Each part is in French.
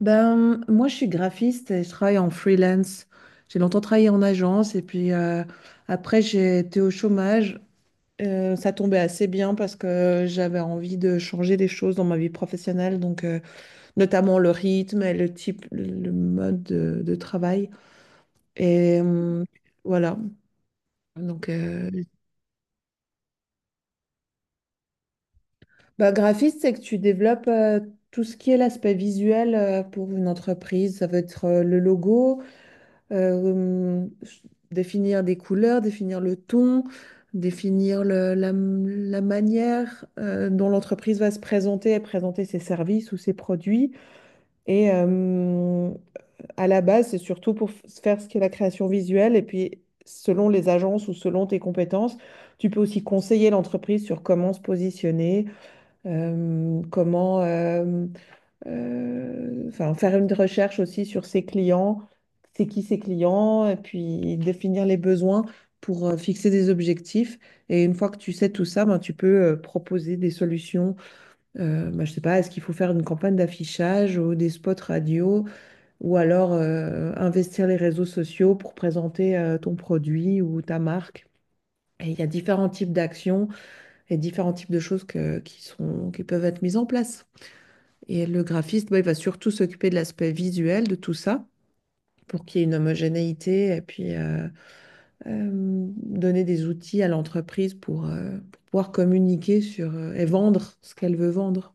Ben, moi, je suis graphiste et je travaille en freelance. J'ai longtemps travaillé en agence et puis après, j'ai été au chômage. Ça tombait assez bien parce que j'avais envie de changer des choses dans ma vie professionnelle, donc notamment le rythme et le type, le mode de travail. Et euh, voilà. Donc, ben, graphiste, c'est que tu développes tout ce qui est l'aspect visuel pour une entreprise. Ça veut être le logo. euh, Définir des couleurs, définir le ton, définir la manière dont l'entreprise va se présenter et présenter ses services ou ses produits. Et euh, à la base, c'est surtout pour faire ce qu'est la création visuelle. Et puis, selon les agences ou selon tes compétences, tu peux aussi conseiller l'entreprise sur comment se positionner, euh, comment... euh, enfin, faire une recherche aussi sur ses clients, c'est qui ses clients, et puis définir les besoins pour fixer des objectifs. Et une fois que tu sais tout ça, ben, tu peux proposer des solutions. Ben, je sais pas, est-ce qu'il faut faire une campagne d'affichage ou des spots radio, ou alors investir les réseaux sociaux pour présenter ton produit ou ta marque. Et il y a différents types d'actions et différents types de choses qui sont, qui peuvent être mises en place. Et le graphiste, bah, il va surtout s'occuper de l'aspect visuel de tout ça pour qu'il y ait une homogénéité et puis euh, donner des outils à l'entreprise pour pouvoir communiquer sur, et vendre ce qu'elle veut vendre.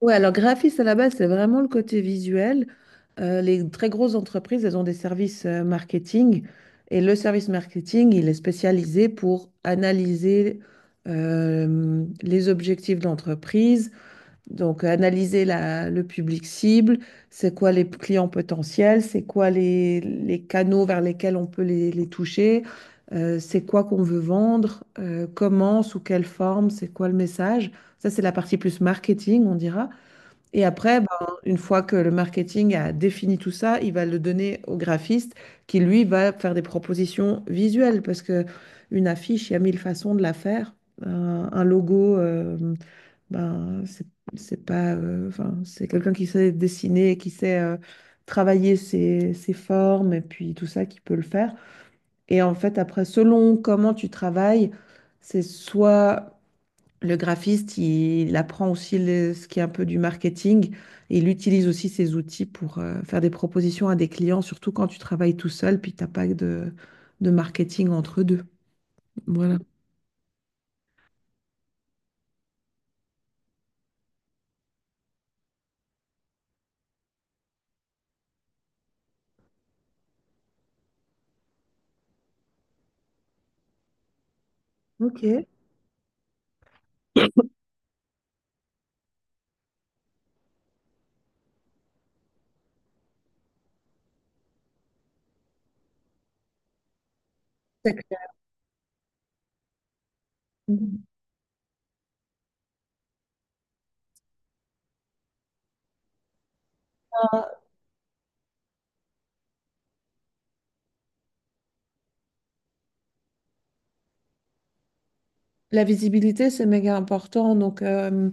Ouais, alors graphiste à la base, c'est vraiment le côté visuel. Les très grosses entreprises, elles ont des services marketing, et le service marketing, il est spécialisé pour analyser les objectifs de l'entreprise. Donc, analyser le public cible, c'est quoi les clients potentiels, c'est quoi les canaux vers lesquels on peut les toucher, c'est quoi qu'on veut vendre, comment, sous quelle forme, c'est quoi le message. Ça, c'est la partie plus marketing, on dira. Et après, ben, une fois que le marketing a défini tout ça, il va le donner au graphiste qui, lui, va faire des propositions visuelles parce que une affiche, il y a mille façons de la faire. Un logo. Ben, c'est pas, enfin, c'est quelqu'un qui sait dessiner, et qui sait travailler ses, ses formes et puis tout ça qui peut le faire. Et en fait, après, selon comment tu travailles, c'est soit le graphiste, il apprend aussi ce qui est un peu du marketing et il utilise aussi ses outils pour faire des propositions à des clients, surtout quand tu travailles tout seul, puis t'as pas de, de marketing entre deux. Voilà. Ok. C'est clair. La visibilité, c'est méga important. Donc,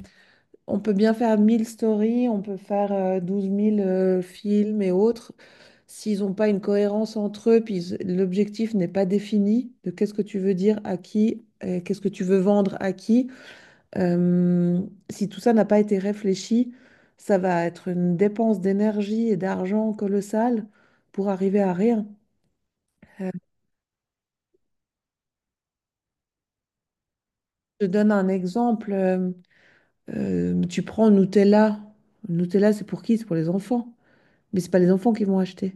on peut bien faire 1000 stories, on peut faire 12 000 films et autres. S'ils n'ont pas une cohérence entre eux, puis l'objectif n'est pas défini de qu'est-ce que tu veux dire à qui, qu'est-ce que tu veux vendre à qui, euh, si tout ça n'a pas été réfléchi, ça va être une dépense d'énergie et d'argent colossale pour arriver à rien. Euh, je te donne un exemple. Tu prends Nutella. Nutella, c'est pour qui? C'est pour les enfants. Mais c'est pas les enfants qui vont acheter.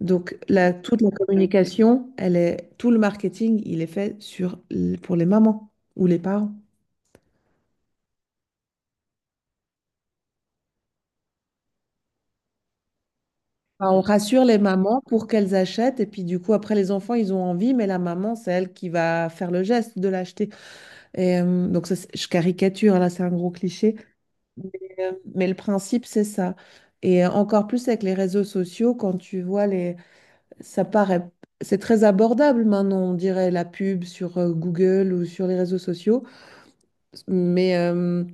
Donc, toute la communication, elle est, tout le marketing, il est fait sur, pour les mamans ou les parents. Enfin, on rassure les mamans pour qu'elles achètent et puis du coup, après, les enfants, ils ont envie, mais la maman, c'est elle qui va faire le geste de l'acheter. Et, donc, ça, je caricature, là, c'est un gros cliché, mais, mais le principe, c'est ça. Et encore plus avec les réseaux sociaux, quand tu vois les... Ça paraît... C'est très abordable maintenant, on dirait la pub sur Google ou sur les réseaux sociaux. Mais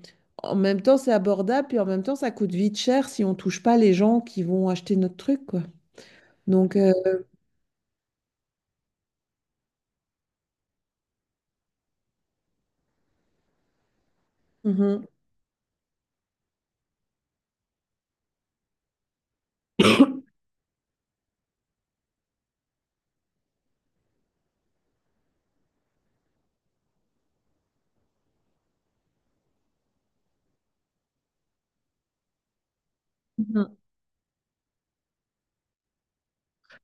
en même temps, c'est abordable, puis en même temps, ça coûte vite cher si on touche pas les gens qui vont acheter notre truc, quoi. Donc, mhm. Mhm.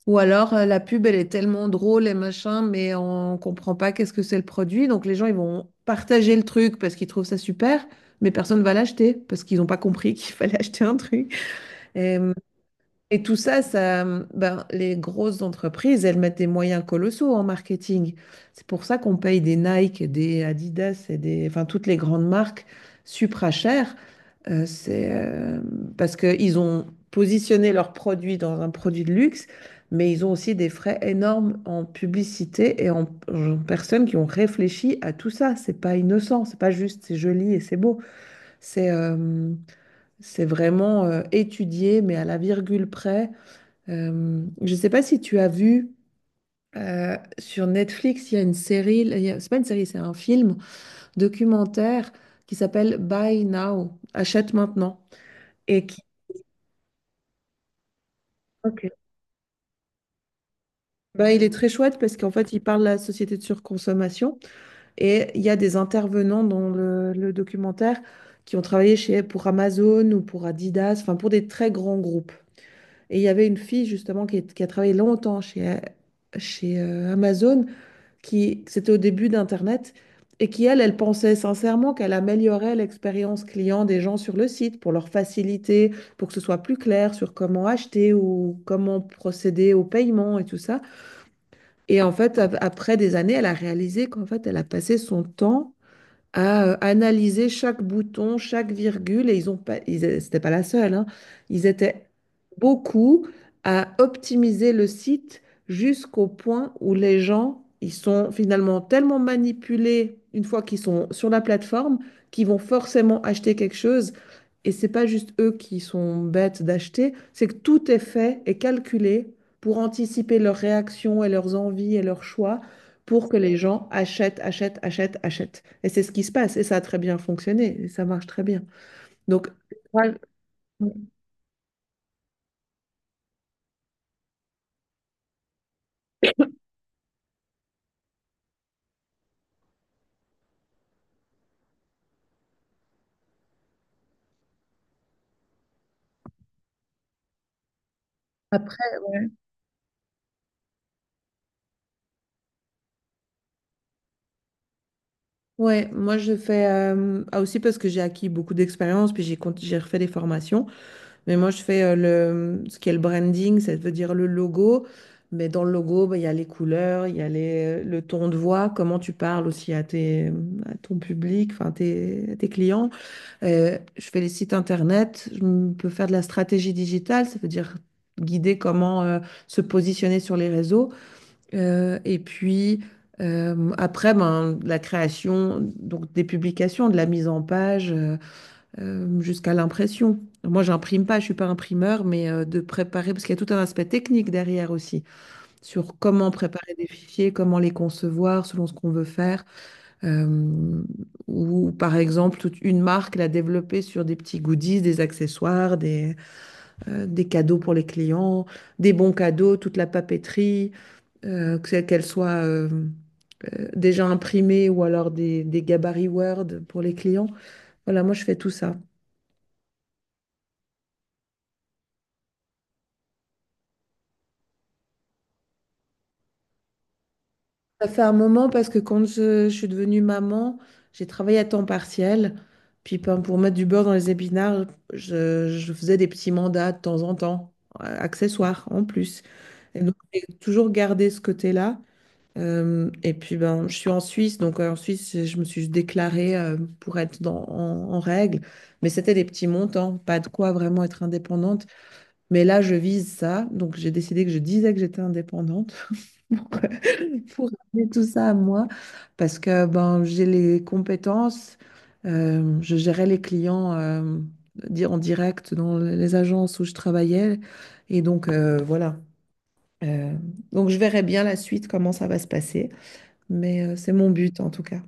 Ou alors la pub, elle est tellement drôle et machin, mais on comprend pas qu'est-ce que c'est le produit. Donc les gens, ils vont partager le truc parce qu'ils trouvent ça super, mais personne va l'acheter parce qu'ils n'ont pas compris qu'il fallait acheter un truc. Et, Et tout ça, ça, ben, les grosses entreprises, elles mettent des moyens colossaux en marketing. C'est pour ça qu'on paye des Nike, et des Adidas et des, enfin, toutes les grandes marques supra chères. C'est Parce qu'ils ont positionné leurs produits dans un produit de luxe, mais ils ont aussi des frais énormes en publicité et en, en personnes qui ont réfléchi à tout ça. C'est pas innocent, c'est pas juste, c'est joli et c'est beau. C'est euh, c'est vraiment étudié, mais à la virgule près. Je ne sais pas si tu as vu sur Netflix, il y a une série, il y a- c'est pas une série, c'est un film documentaire qui s'appelle Buy Now, achète maintenant. Et qui, ok, bah, il est très chouette parce qu'en fait, il parle de la société de surconsommation et il y a des intervenants dans le documentaire qui ont travaillé chez, pour Amazon ou pour Adidas, enfin pour des très grands groupes. Et il y avait une fille justement qui, qui a travaillé longtemps chez, chez Amazon, qui c'était au début d'Internet et qui, elle, elle pensait sincèrement qu'elle améliorait l'expérience client des gens sur le site pour leur faciliter, pour que ce soit plus clair sur comment acheter ou comment procéder au paiement et tout ça. Et en fait, après des années, elle a réalisé qu'en fait, elle a passé son temps à analyser chaque bouton, chaque virgule, et ils ont pas, ils, c'était pas la seule, hein. Ils étaient beaucoup à optimiser le site jusqu'au point où les gens, ils sont finalement tellement manipulés une fois qu'ils sont sur la plateforme, qu'ils vont forcément acheter quelque chose. Et c'est pas juste eux qui sont bêtes d'acheter, c'est que tout est fait et calculé pour anticiper leurs réactions et leurs envies et leurs choix pour que les gens achètent, achètent, achètent, achètent. Et c'est ce qui se passe. Et ça a très bien fonctionné. Et ça marche très bien. Donc, ouais, après, ouais, moi, je fais aussi parce que j'ai acquis beaucoup d'expérience, puis j'ai refait des formations. Mais moi, je fais le, ce qui est le branding, ça veut dire le logo. Mais dans le logo, bah, il y a les couleurs, il y a les, le ton de voix, comment tu parles aussi à, tes, à ton public, enfin, tes, à tes clients. Je fais les sites internet, peux faire de la stratégie digitale, ça veut dire guider comment se positionner sur les réseaux. Et puis après, ben, la création donc des publications, de la mise en page jusqu'à l'impression. Moi, j'imprime pas, je suis pas imprimeur, mais de préparer, parce qu'il y a tout un aspect technique derrière aussi, sur comment préparer des fichiers, comment les concevoir selon ce qu'on veut faire. Euh, ou par exemple, toute une marque l'a développée sur des petits goodies, des accessoires, des cadeaux pour les clients, des bons cadeaux, toute la papeterie, que qu'elle soit déjà imprimée ou alors des gabarits Word pour les clients. Voilà, moi je fais tout ça. Ça fait un moment parce que quand je suis devenue maman, j'ai travaillé à temps partiel. Puis ben, pour mettre du beurre dans les épinards, je faisais des petits mandats de temps en temps, accessoires en plus. Et donc, j'ai toujours gardé ce côté-là. Et puis, ben, je suis en Suisse, donc en Suisse, je me suis déclarée pour être en, en règle. Mais c'était des petits montants, pas de quoi vraiment être indépendante. Mais là, je vise ça, donc j'ai décidé que je disais que j'étais indépendante pour, pour amener tout ça à moi, parce que ben, j'ai les compétences, je gérais les clients en direct dans les agences où je travaillais. Et donc, voilà. Euh, donc je verrai bien la suite, comment ça va se passer, mais c'est mon but en tout cas.